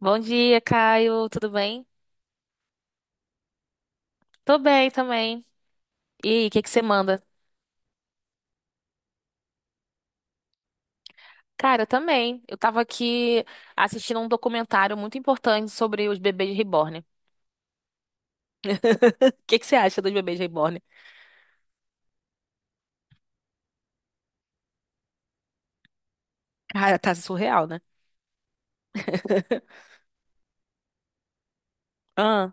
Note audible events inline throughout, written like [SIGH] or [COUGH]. Bom dia, Caio. Tudo bem? Tô bem também. E aí, o que que você manda? Cara, eu também. Eu tava aqui assistindo um documentário muito importante sobre os bebês reborn. [LAUGHS] O que que você acha dos bebês reborn? Cara, tá surreal, né? [LAUGHS] Ah,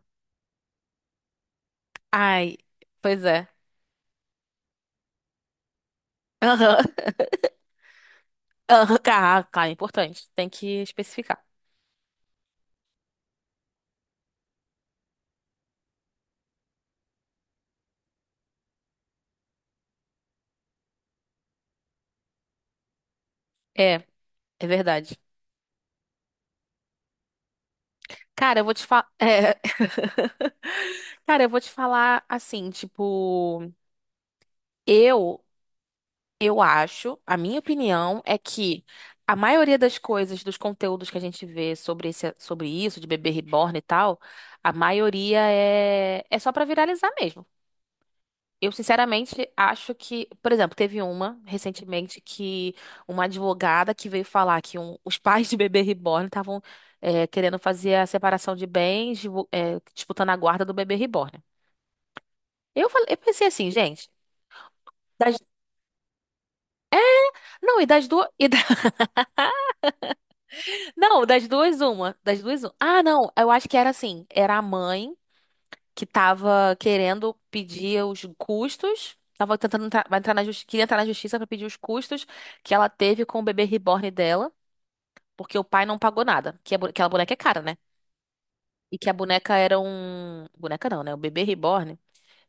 ai, pois é. Aham. [LAUGHS] Aham, cara, é importante. Tem que especificar. É, é verdade. Cara, eu vou te falar. [LAUGHS] Cara, eu vou te falar assim, tipo. Eu Eu acho, a minha opinião é que a maioria das coisas, dos conteúdos que a gente vê sobre isso, de bebê reborn e tal, a maioria é só pra viralizar mesmo. Eu, sinceramente, acho que, por exemplo, teve uma recentemente que uma advogada que veio falar que os pais de bebê reborn estavam, querendo fazer a separação de bens, disputando a guarda do bebê reborn. Eu pensei assim, gente, das- não, e das duas. Não, das duas, uma. Das duas, uma. Ah, não, eu acho que era assim. Era a mãe que tava querendo pedir os custos. Tava tentando entrar, vai entrar na justiça, queria entrar na justiça pra pedir os custos que ela teve com o bebê reborn dela, porque o pai não pagou nada. Que aquela boneca é cara, né? E que a boneca era um. Boneca não, né? O bebê reborn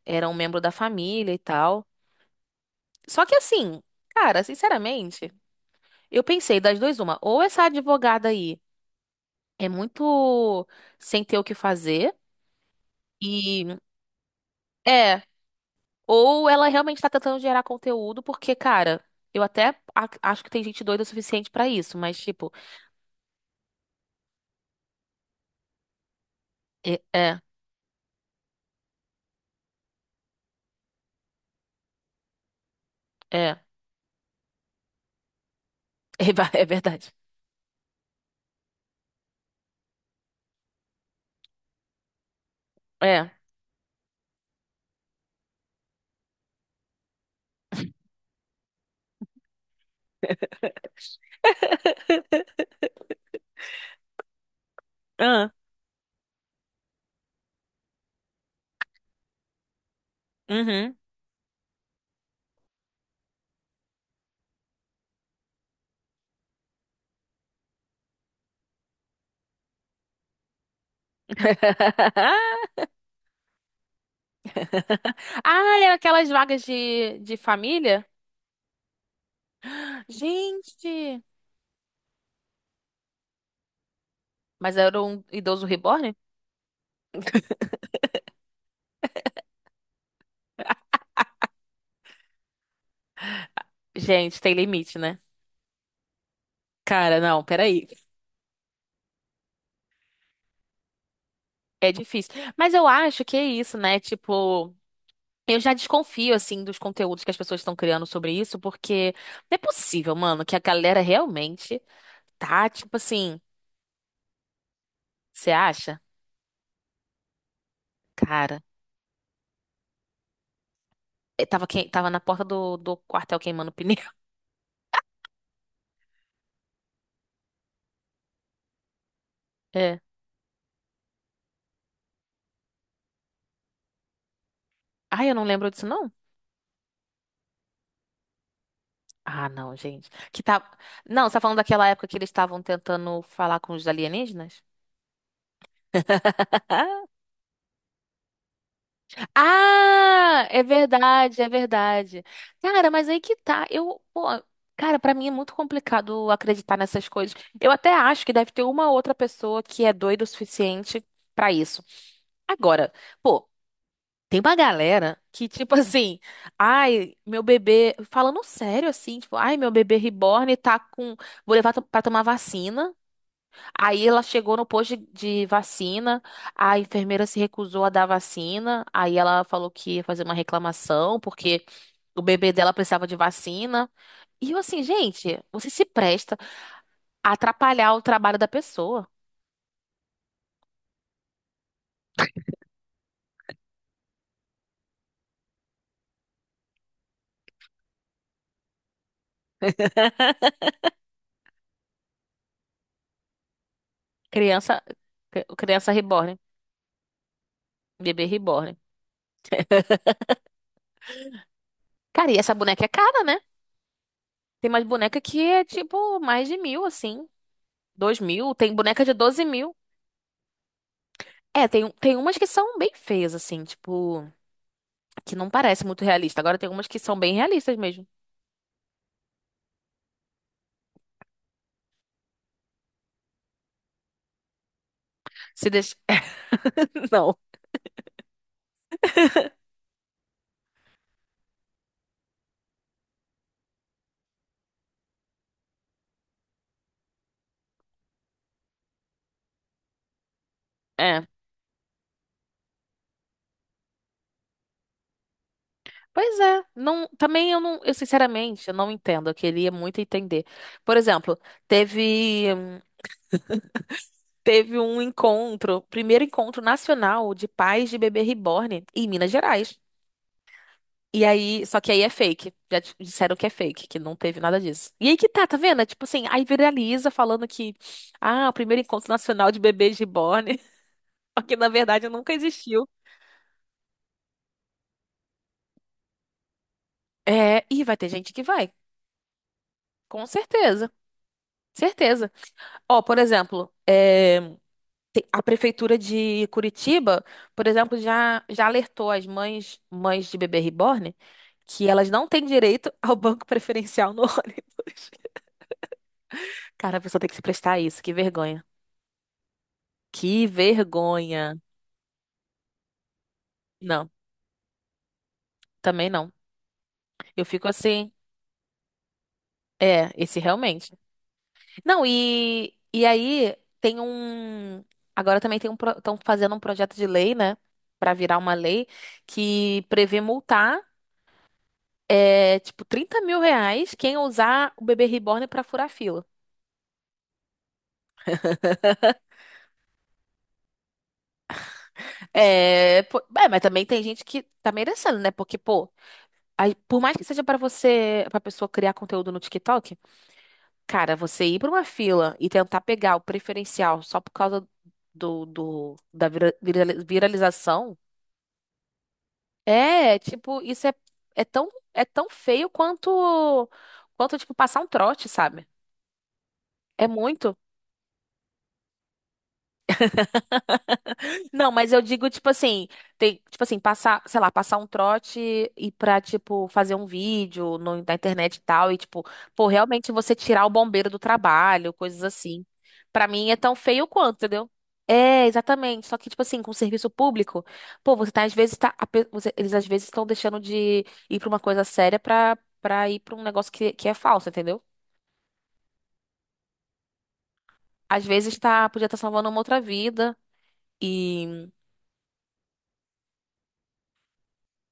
era um membro da família e tal. Só que assim, cara, sinceramente, eu pensei das duas, uma. Ou essa advogada aí é muito sem ter o que fazer. É, ou ela realmente tá tentando gerar conteúdo, porque, cara, eu até acho que tem gente doida o suficiente pra isso, mas, tipo, é, é, é, [LAUGHS] é verdade. É. [LAUGHS] Ah, uhum. [LAUGHS] Ah, era aquelas vagas de família? Gente! Mas era um idoso reborn? Gente, tem limite, né? Cara, não, peraí. É difícil. Mas eu acho que é isso, né? Tipo. Eu já desconfio, assim, dos conteúdos que as pessoas estão criando sobre isso, porque não é possível, mano, que a galera realmente tá, tipo assim, você acha? Cara, tava na porta do quartel queimando pneu. [LAUGHS] É. Ai, eu não lembro disso, não? Ah, não, gente. Que tá... Não, você tá falando daquela época que eles estavam tentando falar com os alienígenas? [LAUGHS] Ah, é verdade, é verdade. Cara, mas aí que tá. Eu, pô, cara, pra mim é muito complicado acreditar nessas coisas. Eu até acho que deve ter uma outra pessoa que é doida o suficiente pra isso. Agora, pô, tem uma galera que, tipo [LAUGHS] assim, ai, meu bebê, falando sério assim, tipo, ai, meu bebê reborn tá com, vou levar pra tomar vacina. Aí ela chegou no posto de vacina, a enfermeira se recusou a dar vacina, aí ela falou que ia fazer uma reclamação porque o bebê dela precisava de vacina. E eu assim, gente, você se presta a atrapalhar o trabalho da pessoa. Criança, criança reborn, bebê reborn. Cara, e essa boneca é cara, né? Tem mais boneca que é tipo mais de 1.000, assim, 2.000. Tem boneca de 12.000. É, tem umas que são bem feias, assim, tipo, que não parece muito realista. Agora tem algumas que são bem realistas mesmo. Se deixa... [LAUGHS] Não. É. Pois é, não, também eu não, eu sinceramente, eu não entendo, eu queria muito entender. Por exemplo, teve teve um encontro, primeiro encontro nacional de pais de bebê reborn em Minas Gerais. E aí, só que aí é fake. Já disseram que é fake, que não teve nada disso. E aí que tá, tá vendo? É tipo assim, aí viraliza falando que, ah, o primeiro encontro nacional de bebês reborn, [LAUGHS] porque na verdade nunca existiu. É, e vai ter gente que vai, com certeza, certeza. Ó, por exemplo, a prefeitura de Curitiba, por exemplo, já alertou as mães de bebê reborn que elas não têm direito [LAUGHS] ao banco preferencial no [LAUGHS] ônibus. Cara, a pessoa tem que se prestar a isso, que vergonha. Que vergonha. Não, também não. Eu fico assim, esse realmente. Não, e aí tem um. Agora também tem um. Estão fazendo um projeto de lei, né? Pra virar uma lei que prevê multar, tipo, R$ 30.000 quem usar o bebê reborn pra furar fila. É, pô, é, mas também tem gente que tá merecendo, né? Porque, pô, aí, por mais que seja pra você, pra pessoa criar conteúdo no TikTok, cara, você ir pra uma fila e tentar pegar o preferencial só por causa da viralização. É, tipo, isso é tão feio quanto, tipo, passar um trote, sabe? É muito. Não, mas eu digo, tipo assim, tem, tipo assim, passar, sei lá, passar um trote e pra, tipo, fazer um vídeo no, na internet e tal, e, tipo, pô, realmente você tirar o bombeiro do trabalho, coisas assim. Pra mim é tão feio quanto, entendeu? É, exatamente. Só que, tipo assim, com o serviço público, pô, você tá, às vezes, tá, eles às vezes estão deixando de ir pra uma coisa séria pra, ir pra um negócio que é falso, entendeu? Às vezes tá, podia estar salvando uma outra vida e,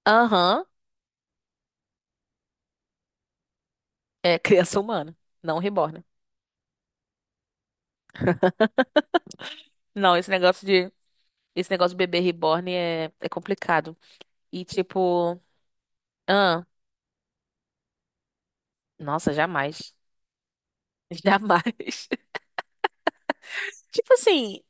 aham, é [LAUGHS] criança humana, não reborn. Não, esse negócio de bebê reborn é complicado. E tipo, ah, nossa, jamais. [LAUGHS] Jamais. [LAUGHS] Tipo assim,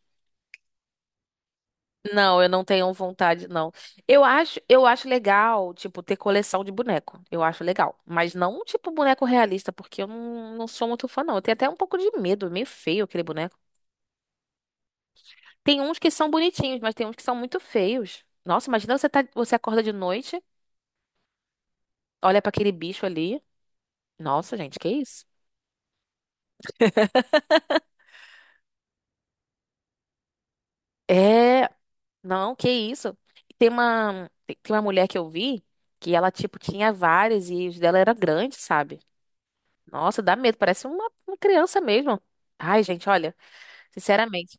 não, eu não tenho vontade, não. Eu acho legal, tipo, ter coleção de boneco. Eu acho legal, mas não tipo boneco realista, porque eu não sou muito fã, não. Eu tenho até um pouco de medo, é meio feio aquele boneco. Tem uns que são bonitinhos, mas tem uns que são muito feios. Nossa, imagina você acorda de noite, olha pra aquele bicho ali. Nossa, gente, que isso? É, Não, que isso. Tem uma mulher que eu vi que ela, tipo, tinha várias e os dela era grande, sabe? Nossa, dá medo, parece uma criança mesmo. Ai, gente, olha, sinceramente,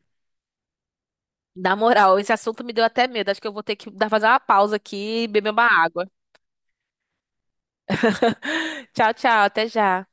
na moral, esse assunto me deu até medo. Acho que eu vou ter que dar fazer uma pausa aqui e beber uma água. [LAUGHS] Tchau, tchau, até já.